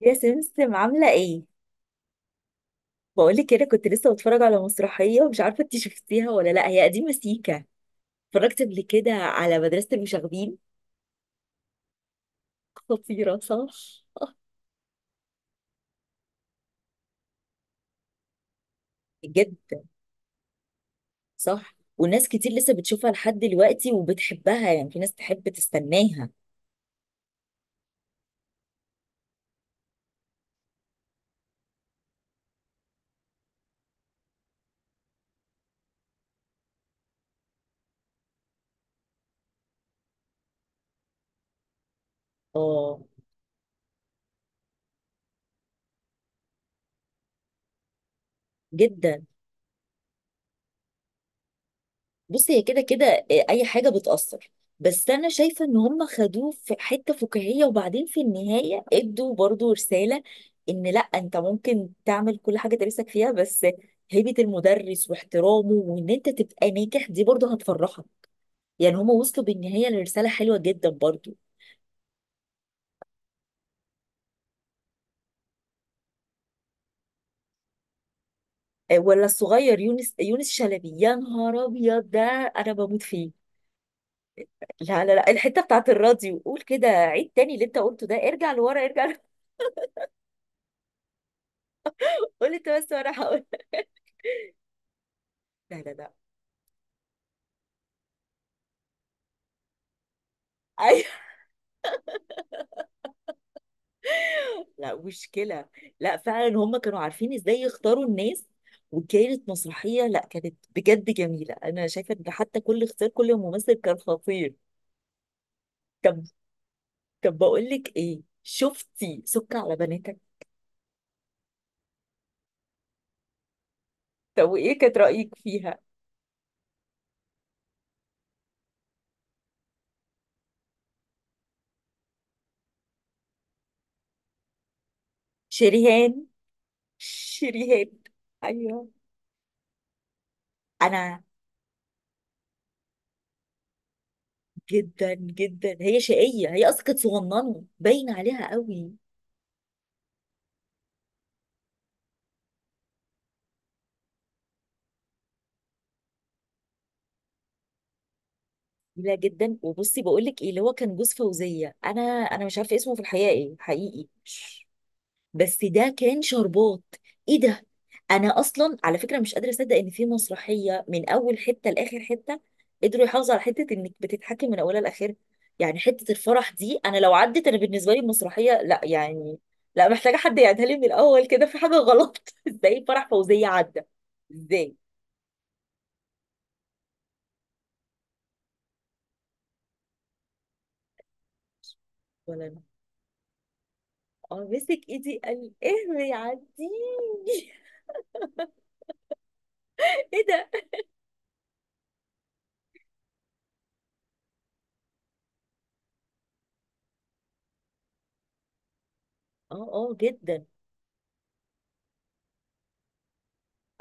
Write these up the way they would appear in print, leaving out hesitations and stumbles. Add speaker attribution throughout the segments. Speaker 1: يا سمسم، عاملة ايه؟ بقولك كده، كنت لسه بتفرج على مسرحية ومش عارفة انت شفتيها ولا لا. هي قديمة سيكا. اتفرجت قبل كده على مدرسة المشاغبين. خطيرة، صح؟ جدا. صح، وناس كتير لسه بتشوفها لحد دلوقتي وبتحبها، يعني في ناس تحب تستناها. اه، جدا. بص هي كده كده. اي حاجه بتاثر. بس انا شايفه ان هم خدوه في حته فكاهيه، وبعدين في النهايه ادوا برضو رساله ان لا، انت ممكن تعمل كل حاجه نفسك فيها، بس هيبه المدرس واحترامه وان انت تبقى ناجح دي برضو هتفرحك. يعني هم وصلوا بالنهايه لرساله حلوه جدا برضو. ولا الصغير يونس شلبي؟ يا نهار ابيض ده! انا بموت فيه. لا لا لا، الحته بتاعت الراديو، قول كده عيد تاني اللي انت قلته ده. ارجع لورا، ارجع لورا. قول انت بس وانا هقول. لا لا لا. ايوه. لا مشكله. لا فعلا، هم كانوا عارفين ازاي يختاروا الناس. وكانت مسرحيه، لا، كانت بجد جميله. انا شايفه ان حتى كل اختيار، كل ممثل كان خطير. طب. طب بقول لك ايه، شفتي سك على بناتك؟ طب وايه كانت رايك فيها؟ شريهان. شريهان. ايوه. انا جدا جدا. هي شقيه، هي اصلا كانت صغننه باين عليها قوي. جميلة جدا. وبصي بقول لك ايه، اللي هو كان جوز فوزية، انا مش عارفة اسمه في الحقيقة ايه حقيقي، بس ده كان شربات. ايه ده! انا اصلا على فكرة مش قادرة اصدق ان في مسرحية من اول حتة لاخر حتة قدروا يحافظوا على حتة انك بتتحكم من اولها لاخرها. يعني حتة الفرح دي، انا لو عدت، انا بالنسبة لي المسرحية لا يعني، لا، محتاجة حد يعيدها لي من الاول. كده في حاجة غلط. ازاي فرح فوزية عدى؟ ازاي؟ ولا انا. اه، مسك ايدي قال اهري عديني. ايه ده! اه اه، جدا.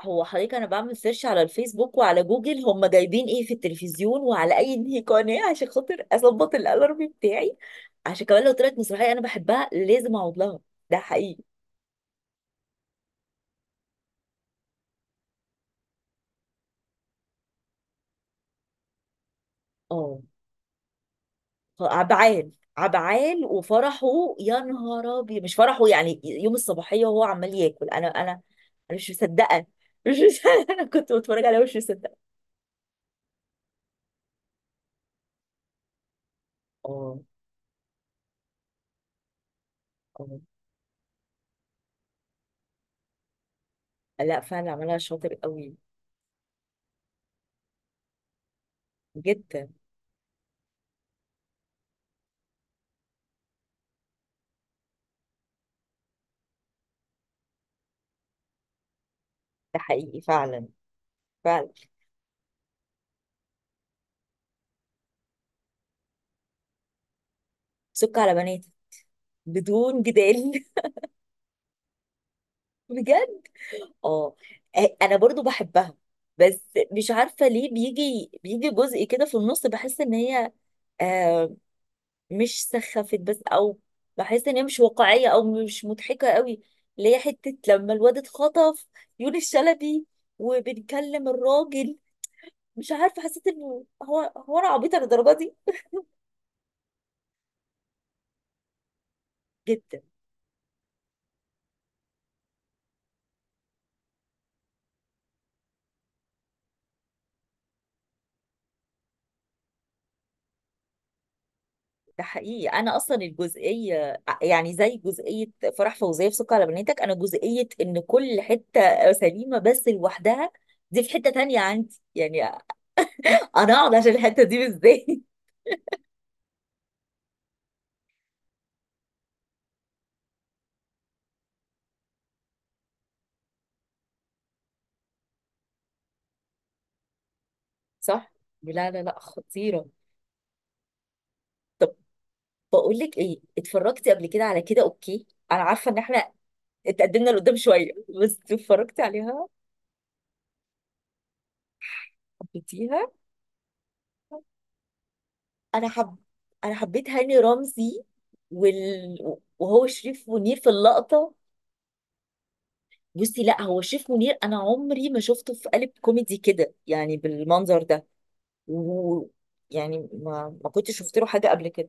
Speaker 1: هو حضرتك، انا بعمل سيرش على الفيسبوك وعلى جوجل هم جايبين ايه في التلفزيون وعلى اي إنهي قناه، عشان خاطر اظبط الالارم بتاعي. عشان كمان لو طلعت مسرحيه انا بحبها لازم اقعد لها. ده حقيقي. اه. عبعال. عبعال وفرحه. يا نهار ابيض! مش فرحه؟ يعني يوم الصباحيه وهو عمال ياكل، انا انا مش مصدقه. مش مصدقه. انا كنت بتفرج عليها مش مصدقه. اه اه. لا فعلا، عملها شاطر قوي. جدا. ده حقيقي. فعلا. فعلا. سك على بنات، بدون جدال. بجد. اه. انا برضو بحبها، بس مش عارفة ليه بيجي جزء كده في النص بحس ان هي آه مش سخفت بس، او بحس ان هي مش واقعية او مش مضحكة قوي. اللي هي حتة لما الواد اتخطف، يونس الشلبي، وبنكلم الراجل. مش عارفة، حسيت انه هو انا عبيطة للدرجة دي. ده حقيقي. انا اصلا الجزئيه يعني زي جزئيه فرح فوزيه في سكر على بناتك، انا جزئيه ان كل حته سليمه بس لوحدها. دي في حته تانية عندي، يعني انا اقعد عشان الحته دي؟ ازاي؟ صح. لا لا لا، خطيره. طب بقول لك ايه، اتفرجتي قبل كده على كده؟ اوكي. انا عارفه ان احنا اتقدمنا لقدام شويه، بس اتفرجتي عليها؟ حبيتيها؟ انا حب، انا حبيت هاني رمزي. وال... وهو شريف منير في اللقطه. بصي، لا، هو شريف منير انا عمري ما شفته في قالب كوميدي كده، يعني بالمنظر ده. و، يعني ما كنتش شفت له حاجه قبل كده.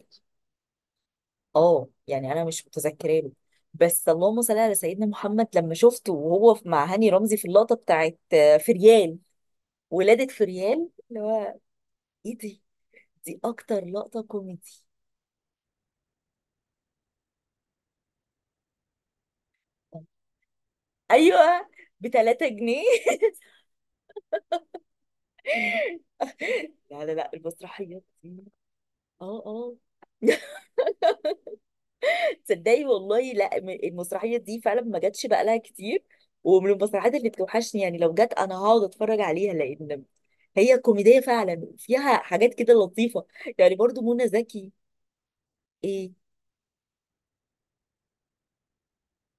Speaker 1: اه، يعني انا مش متذكراه له. بس اللهم صل على سيدنا محمد لما شفته وهو مع هاني رمزي في اللقطه بتاعت فريال. ولاده فريال اللي هو، ايه دي! دي اكتر لقطه كوميدي. ايوه، ب 3 جنيه. لا لا لا، المسرحيات دي. اه اه. تصدقي والله، لا م- المسرحيه دي فعلا ما جاتش بقى لها كتير، ومن المسرحيات اللي بتوحشني. يعني لو جت انا هقعد اتفرج عليها، لان هي كوميديه فعلا فيها حاجات كده لطيفه. يعني برضو منى زكي. ايه،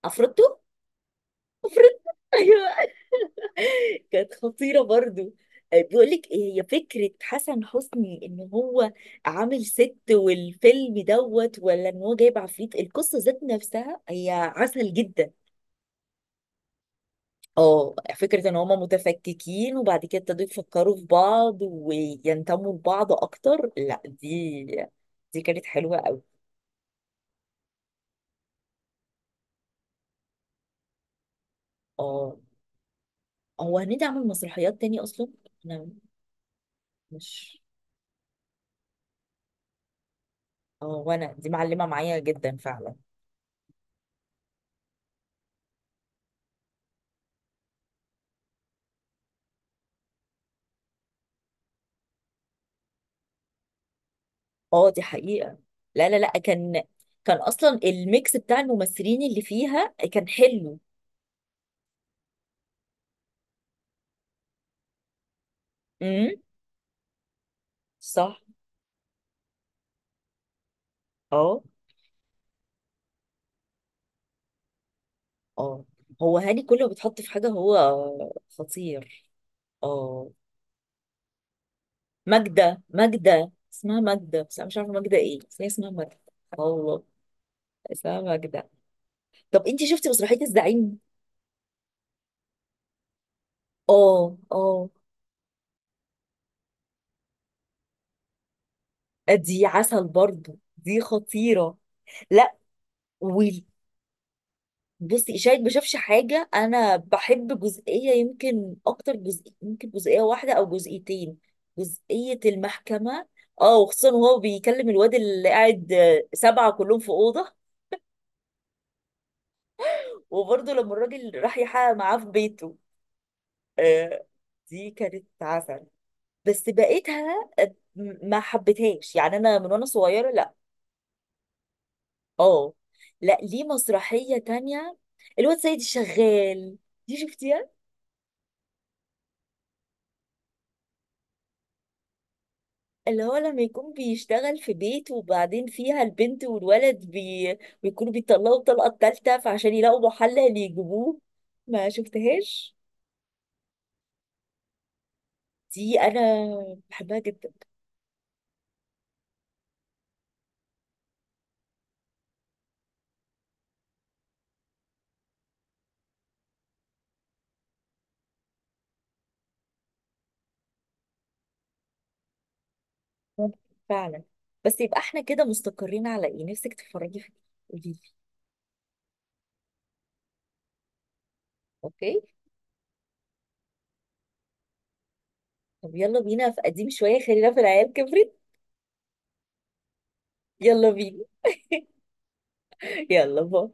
Speaker 1: افرطتو. افرطتو. ايوه، كانت خطيره برضو. بيقول لك ايه، هي فكره حسن حسني ان هو عامل ست والفيلم دوت ولا ان هو جايب عفريت؟ القصه ذات نفسها هي عسل جدا. اه، فكرة ان هما متفككين وبعد كده ابتدوا يفكروا في بعض وينتموا لبعض اكتر، لا دي، دي كانت حلوة قوي. اه. هو هنيدي عمل مسرحيات تاني اصلا؟ انا مش. اه وانا دي معلمة معايا جدا فعلا. اه دي حقيقة. لا لا لا، كان، كان اصلا الميكس بتاع الممثلين اللي فيها كان حلو. امم. صح. اه اه. هو هاني كل ما بيتحط في حاجة هو خطير. اه. ماجدة، ماجدة اسمها ماجدة، بس انا مش عارفة ماجدة ايه، بس هي اسمها ماجدة. الله. اسمها ماجدة. طب انتي شفتي مسرحية الزعيم؟ اه اه. دي عسل برضو، دي خطيرة. لا. وال- بصي، شاهد ما شافش حاجة، انا بحب جزئية، يمكن اكتر جزء، يمكن جزئية واحدة او جزئيتين. جزئية المحكمة. اه، وخصوصا وهو بيكلم الواد اللي قاعد، سبعة كلهم في أوضة. وبرضه لما الراجل راح يحقق معاه في بيته. آه، دي كانت عسل. بس بقيتها، ما حبيتهاش، يعني انا من وانا صغيره لا. اه. لا ليه، مسرحيه تانية، الواد سيد الشغال، دي شفتيها؟ اللي هو لما يكون بيشتغل في بيت، وبعدين فيها البنت والولد بيكونوا بيطلعوا الطلقه التالتة، فعشان يلاقوا محل يجيبوه. ما شفتهاش. دي انا بحبها جدا. ممكن. فعلا. بس يبقى احنا كده مستقرين على ايه؟ نفسك تتفرجي في ايه؟ قوليلي. اوكي. طب يلا بينا في قديم شوية، خلينا في العيال كبرت. يلا بينا. يلا باي.